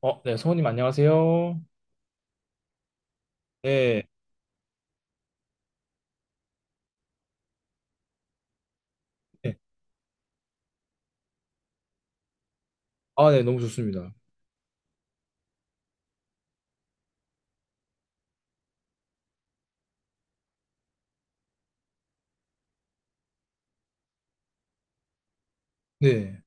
네, 성우님 안녕하세요. 네, 네. 아, 네, 너무 좋습니다. 네,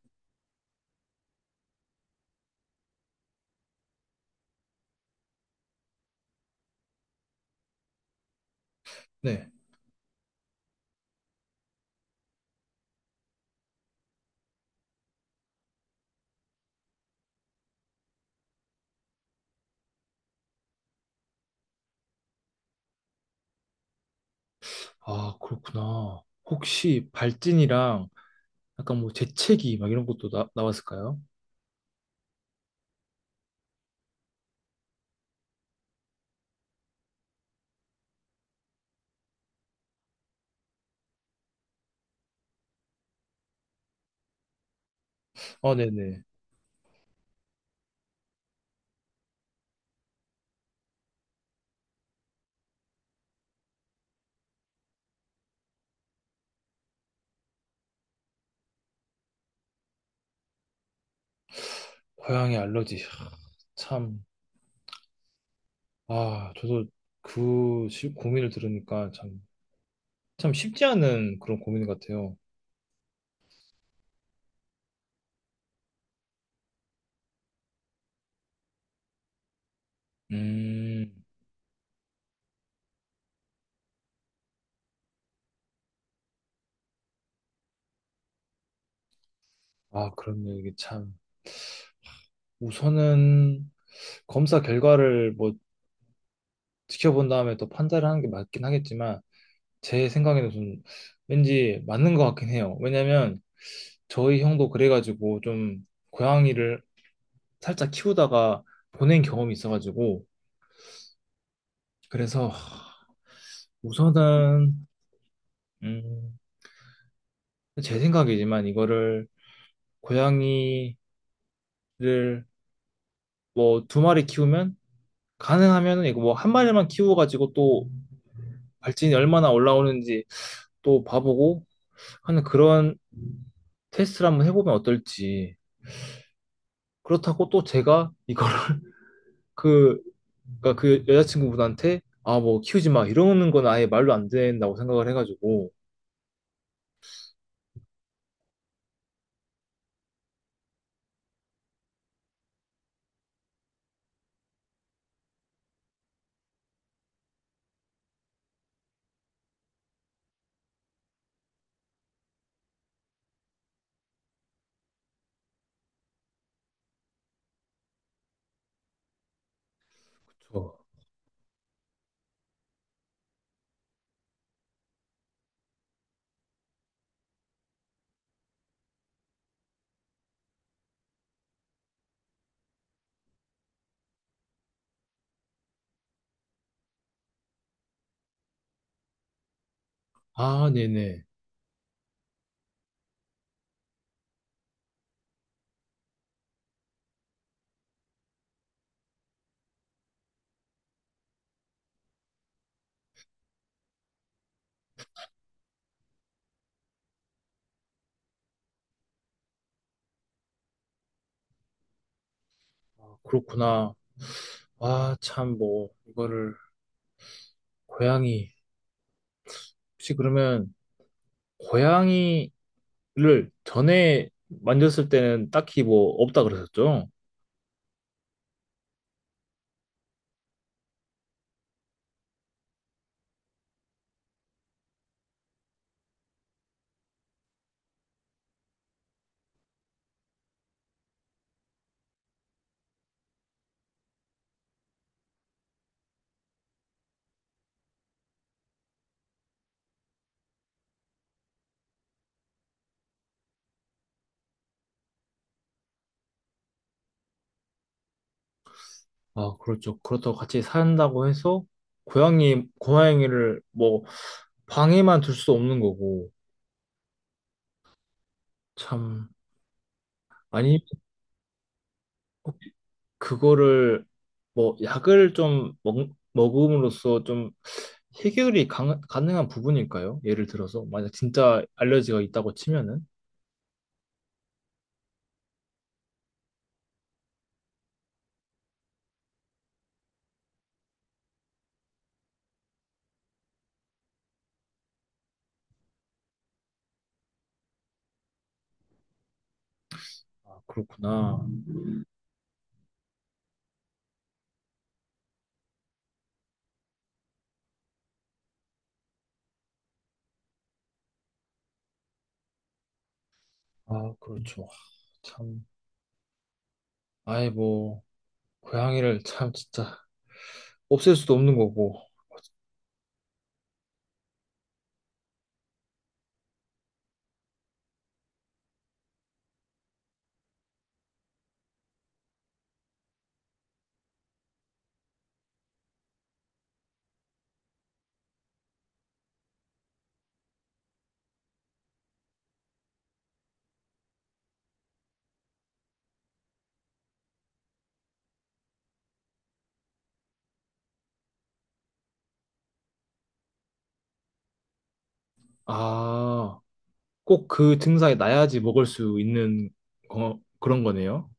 네. 아, 그렇구나. 혹시 발진이랑 약간 뭐 재채기 막 이런 것도 나왔을까요? 아, 네네. 고양이 알러지. 하, 참, 아, 저도 고민을 들으니까 참, 참 쉽지 않은 그런 고민 같아요. 음. 아, 그렇네요. 이게 참. 우선은 검사 결과를 뭐 지켜본 다음에 또 판단을 하는 게 맞긴 하겠지만, 제 생각에는 좀 왠지 맞는 것 같긴 해요. 왜냐면 저희 형도 그래가지고 좀 고양이를 살짝 키우다가 보낸 경험이 있어가지고 그래서 우선은 음, 제 생각이지만 이거를 고양이를 뭐 두 마리 키우면 가능하면은 이거 뭐 한 마리만 키워가지고 또 발진이 얼마나 올라오는지 또 봐보고 하는 그런 테스트를 한번 해보면 어떨지. 그렇다고 또 제가 이걸 그, 그러니까 그 여자친구분한테 아, 뭐 키우지 마 이러는 건 아예 말로 안 된다고 생각을 해가지고. 그쵸. 아, 네네. 아, 그렇구나. 아, 참, 뭐, 이거를, 고양이. 혹시 그러면, 고양이를 전에 만졌을 때는 딱히 뭐, 없다 그러셨죠? 아, 그렇죠. 그렇다고 같이 산다고 해서, 고양이, 고양이를 뭐, 방에만 둘 수 없는 거고. 참, 아니, 그거를 뭐 약을 좀 먹음으로써 좀 해결이 가능한 부분일까요? 예를 들어서 만약 진짜 알레르기가 있다고 치면은. 아, 그렇구나. 아, 그렇죠. 참, 아예 뭐 고양이를 참 진짜 없앨 수도 없는 거고. 아, 꼭 그 증상이 나야지 먹을 수 있는 거, 그런 거네요.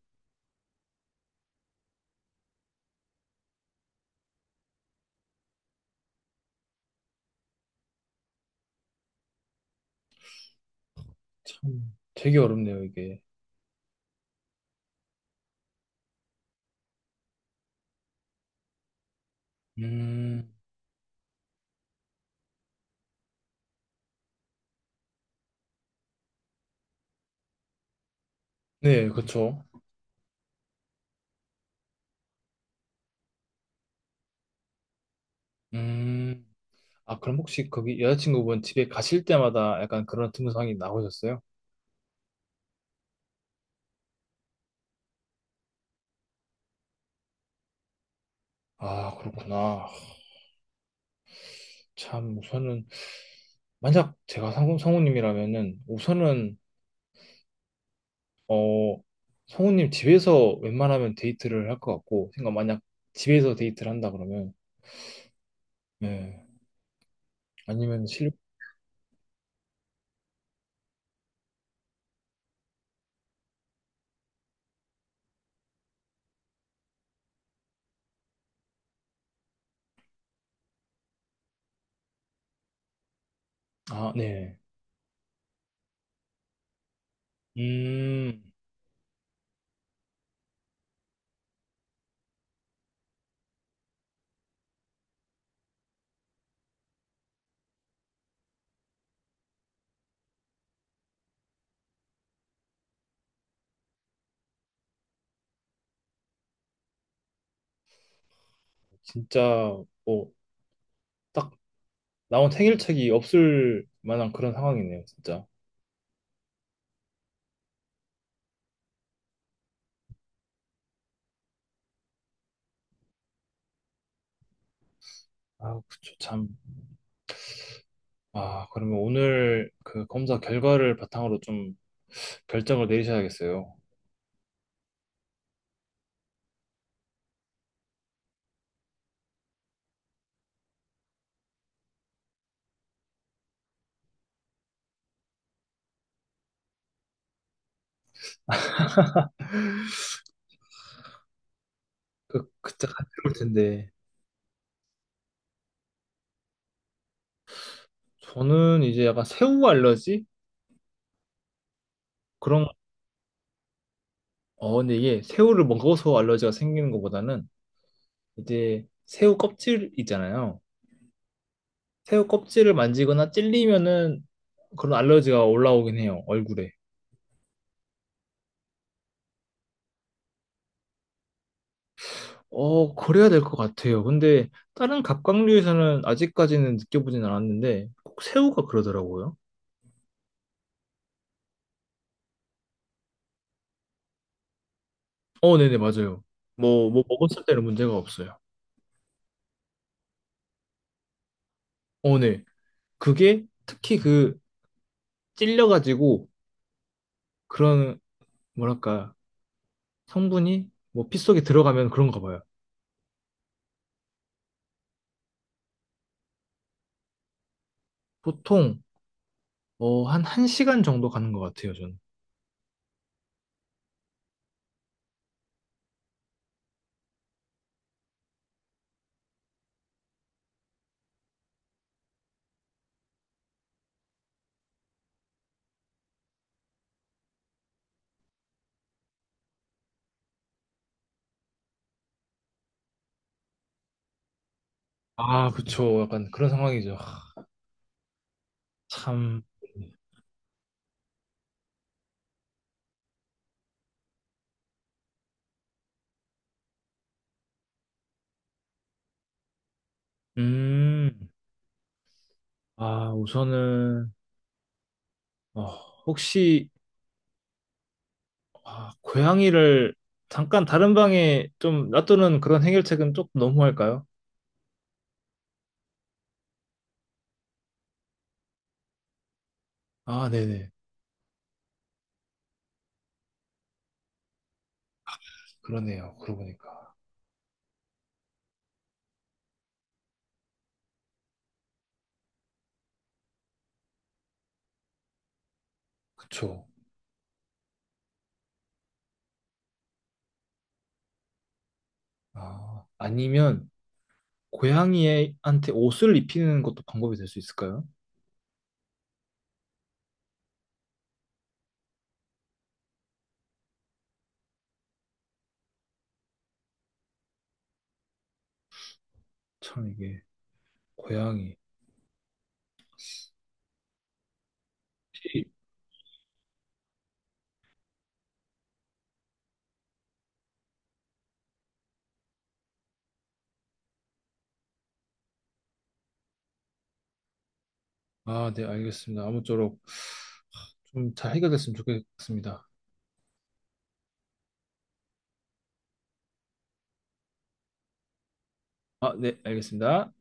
참, 되게 어렵네요, 이게. 음. 네, 그렇죠. 음. 아, 그럼 혹시 거기 여자친구분 집에 가실 때마다 약간 그런 증상이 나오셨어요? 아, 그렇구나. 참, 우선은, 만약 제가 성우님이라면은, 우선은, 어, 성우님 집에서 웬만하면 데이트를 할 것 같고, 그러니까 만약 집에서 데이트를 한다 그러면, 네. 아니면 실, 아, 네. 음, 진짜, 뭐, 딱 나온 해결책이 없을 만한 그런 상황이네요, 진짜. 아, 그쵸, 참. 아, 그러면 오늘 그 검사 결과를 바탕으로 좀 결정을 내리셔야겠어요. 그, 그때 같이 올 텐데. 저는 이제 약간 새우 알러지? 그런, 어, 근데 이게 새우를 먹어서 알러지가 생기는 것보다는 이제 새우 껍질 있잖아요. 새우 껍질을 만지거나 찔리면은 그런 알러지가 올라오긴 해요, 얼굴에. 어, 그래야 될 것 같아요. 근데 다른 갑각류에서는 아직까지는 느껴보진 않았는데 꼭 새우가 그러더라고요. 어, 네네, 맞아요. 뭐, 음, 뭐 먹었을 때는 문제가 없어요. 어, 네. 그게 특히 그 찔려가지고 그런, 뭐랄까, 성분이 뭐 피 속에 들어가면 그런가 봐요. 보통, 어, 한 1시간 정도 가는 것 같아요, 저는. 아, 그쵸. 약간 그런 상황이죠. 하, 참. 음. 아, 우선은, 어, 혹시, 아, 고양이를 잠깐 다른 방에 좀 놔두는 그런 해결책은 조금 너무할까요? 아, 네네. 그러네요. 그러고 보니까. 그쵸. 아, 아니면 고양이한테 옷을 입히는 것도 방법이 될 수 있을까요? 참 이게 고양이. 아, 네, 알겠습니다. 아무쪼록 좀 잘 해결됐으면 좋겠습니다. 아, 네, 알겠습니다.